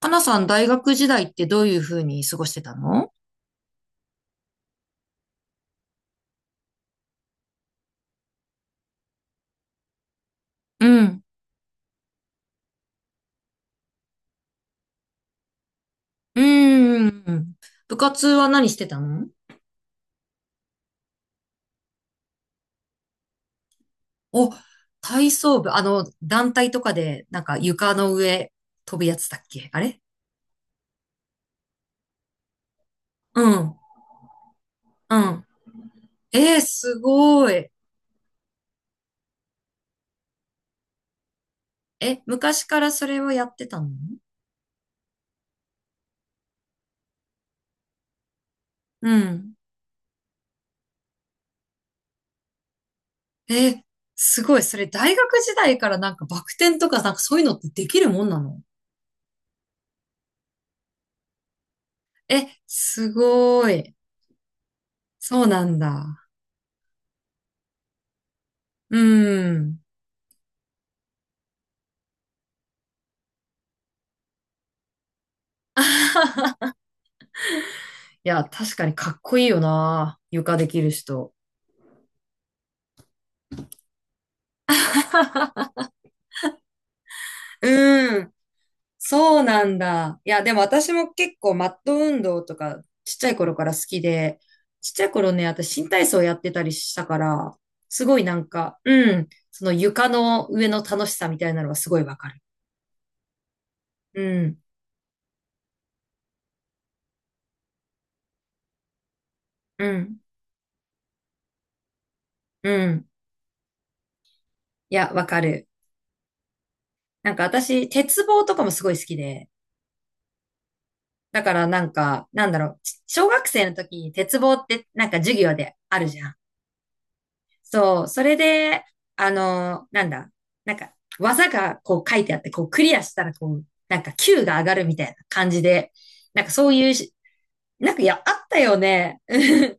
かなさん、大学時代ってどういうふうに過ごしてたの？うん。うーん。部活は何してたの？お、体操部、あの、団体とかで、なんか床の上飛ぶやつだっけあれ？うん。うん。えー、すごい。え、昔からそれをやってたの？うん。えー、すごい。それ大学時代からなんかバク転とかなんかそういうのってできるもんなの？え、すごい。そうなんだ。うん。いや、確かにかっこいいよな。床できる人。うん。そうなんだ。いや、でも私も結構マット運動とかちっちゃい頃から好きで、ちっちゃい頃ね、私新体操やってたりしたから、すごいなんか、うん、その床の上の楽しさみたいなのはすごいわかる。うん、うん、うん。いや、わかる。なんか私、鉄棒とかもすごい好きで、だからなんか、なんだろう、小学生の時に鉄棒ってなんか授業であるじゃん。そう、それで、あの、なんだ、なんか、技がこう書いてあって、こうクリアしたら、こう、なんか Q が上がるみたいな感じで、なんかそういうし、なんかいや、あったよね。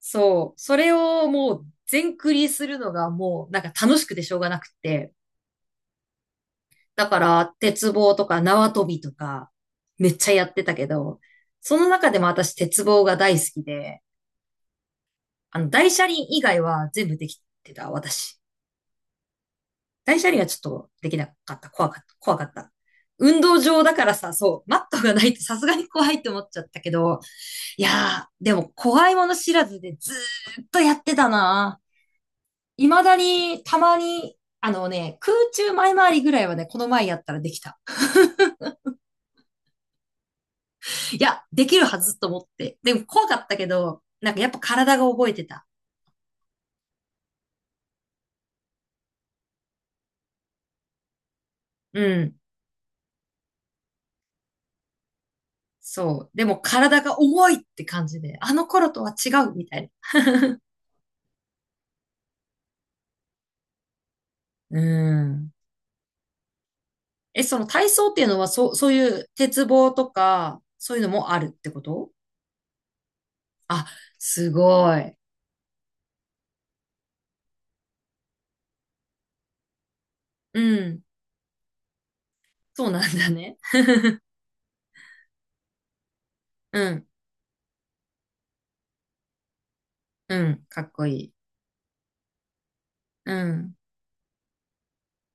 そう、それをもう全クリするのがもう、なんか楽しくてしょうがなくて、だから、鉄棒とか縄跳びとか、めっちゃやってたけど、その中でも私、鉄棒が大好きで、あの、大車輪以外は全部できてた、私。大車輪はちょっとできなかった。怖かった。怖かった。運動場だからさ、そう、マットがないとさすがに怖いって思っちゃったけど、いやー、でも怖いもの知らずでずーっとやってたな。未だに、たまに、あのね、空中前回りぐらいはね、この前やったらできた。いや、できるはずと思って。でも怖かったけど、なんかやっぱ体が覚えてた。うん。そう。でも体が重いって感じで、あの頃とは違うみたいな。うん。え、その体操っていうのは、そう、そういう鉄棒とか、そういうのもあるってこと？あ、すごい。うん。そうなんだね。うん。うん。かっこいい。うん。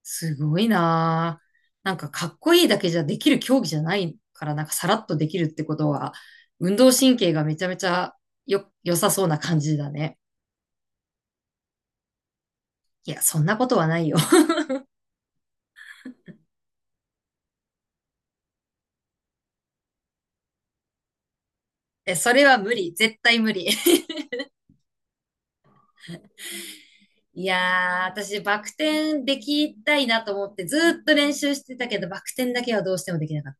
すごいなぁ。なんかかっこいいだけじゃできる競技じゃないから、なんかさらっとできるってことは、運動神経がめちゃめちゃ良さそうな感じだね。いや、そんなことはないよ。え、それは無理。絶対無理。いやー、私、バク転できたいなと思って、ずーっと練習してたけど、バク転だけはどうしてもできなかっ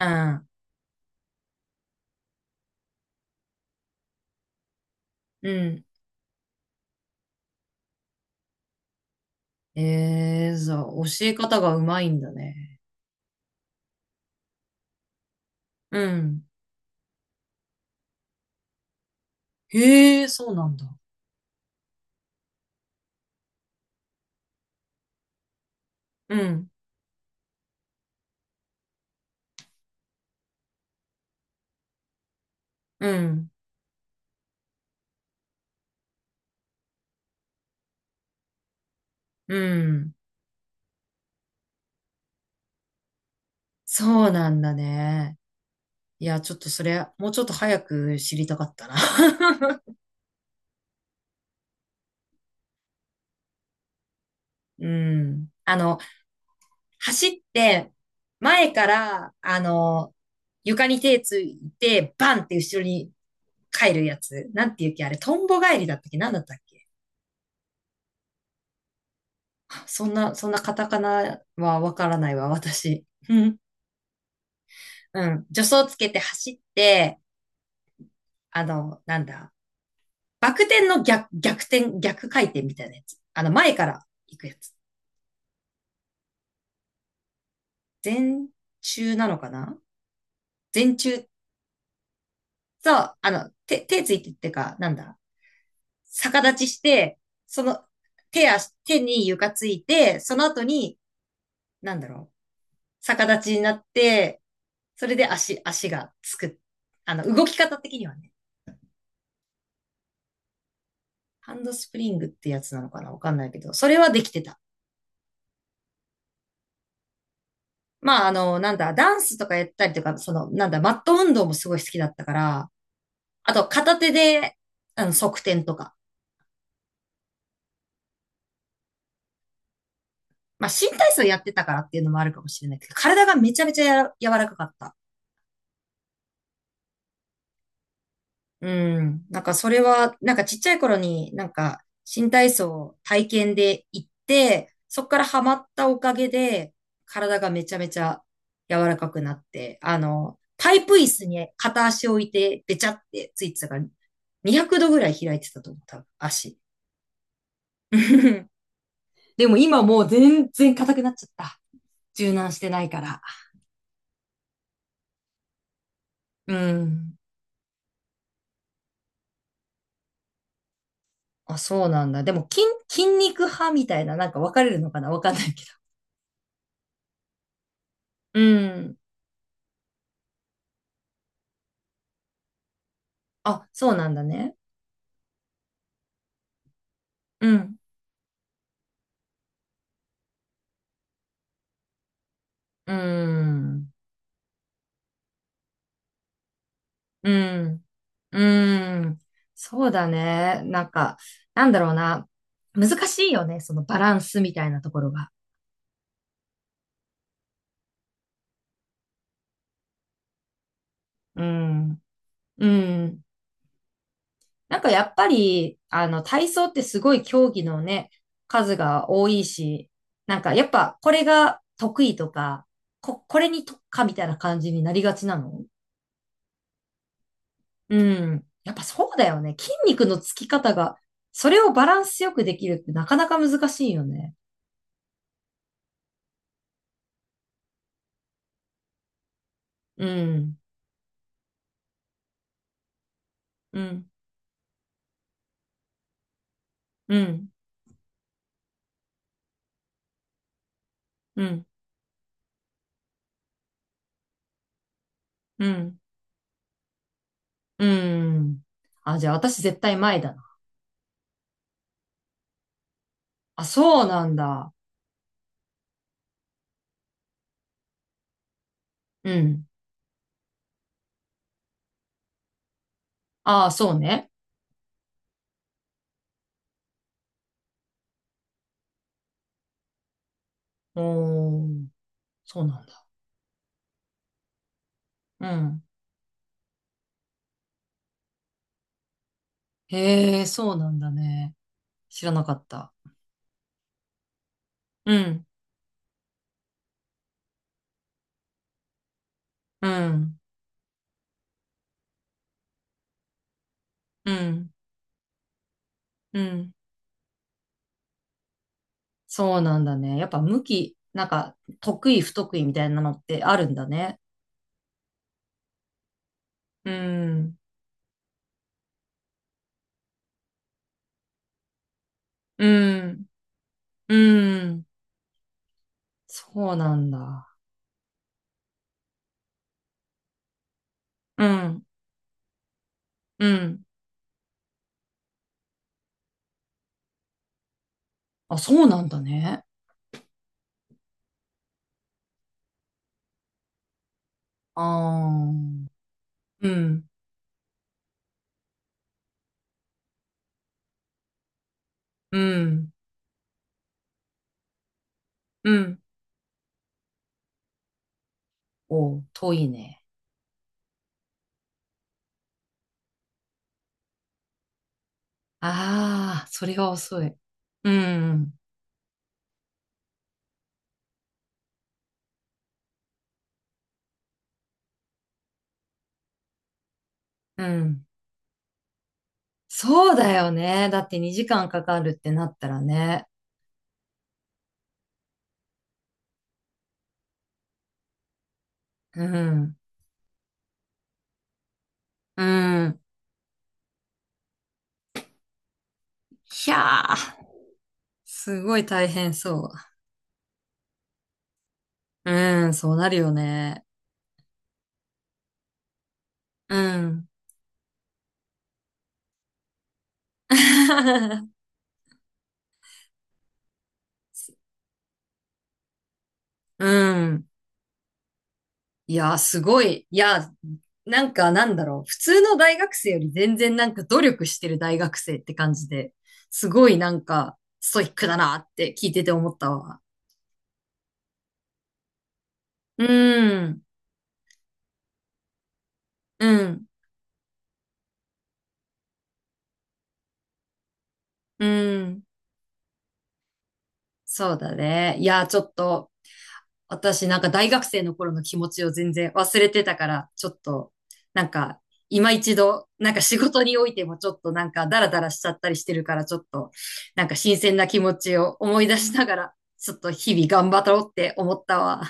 た。うん。うん。えー、そう、教え方がうまいんだね。うん。へえ、そうなんだ。うん。うん。うん。そうなんだね。いや、ちょっとそれ、もうちょっと早く知りたかったな。うん。あの、走って、前から、あの、床に手ついて、バンって後ろに帰るやつ。なんていうっけあれ、トンボ帰りだったっけなんだったっけ？そんな、そんなカタカナはわからないわ、私。うん。うん。助走つけて走って、あの、なんだ。バク転の逆、逆転、逆回転みたいなやつ。あの、前から行くやつ。前中なのかな？前中と、あの、手ついてってか、なんだ。逆立ちして、その、手足、手に床ついて、その後に、なんだろう。逆立ちになって、それで足がつく。あの、動き方的にはね。ハンドスプリングってやつなのかなわかんないけど、それはできてた。まあ、あの、なんだ、ダンスとかやったりとか、その、なんだ、マット運動もすごい好きだったから、あと、片手で、あの、側転とか。まあ、新体操やってたからっていうのもあるかもしれないけど、体がめちゃめちゃやら柔らかかった。うん。なんかそれは、なんかちっちゃい頃になんか新体操を体験で行って、そこからハマったおかげで、体がめちゃめちゃ柔らかくなって、あの、パイプ椅子に片足を置いて、べちゃってついてたから、200度ぐらい開いてたと思う、多分、足。でも今もう全然硬くなっちゃった。柔軟してないから。うん。あ、そうなんだ。でも筋肉派みたいな、なんか分かれるのかなわかんないけど。うん。あ、そうなんだね。うん。うーん。うん。うーん。そうだね。なんか、なんだろうな。難しいよね。そのバランスみたいなところが。うん。うん。なんかやっぱり、あの、体操ってすごい競技のね、数が多いし、なんかやっぱこれが得意とか、これに特化みたいな感じになりがちなの？うん。やっぱそうだよね。筋肉のつき方が、それをバランスよくできるってなかなか難しいよね。うん。うん。うん。うん。うん。うん。あ、じゃあ私絶対前だな。あ、そうなんだ。うん。ああ、そうね。おー、そうなんだ。うん。へえ、そうなんだね。知らなかった。うん。うん。うん。うん。そうなんだね。やっぱ向き、なんか、得意不得意みたいなのってあるんだね。うん、うん、うん、そうなんだ。うん、うん。あ、そうなんだね。あー、うん、うん、うん。おう、遠いね。ああ、それは遅い。うん、うん。そうだよね。だって2時間かかるってなったらね。うん、うん。ひゃー、すごい大変そう。うん、そうなるよね。うん。うん。いやー、すごい。いやー、なんかなんだろう。普通の大学生より全然なんか努力してる大学生って感じで、すごいなんかストイックだなって聞いてて思ったわ。うん、うん、うん。そうだね。いやー、ちょっと私なんか大学生の頃の気持ちを全然忘れてたから、ちょっと、なんか、今一度、なんか仕事においてもちょっとなんかダラダラしちゃったりしてるから、ちょっと、なんか新鮮な気持ちを思い出しながら、ちょっと日々頑張ろうって思ったわ。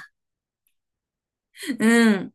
うん。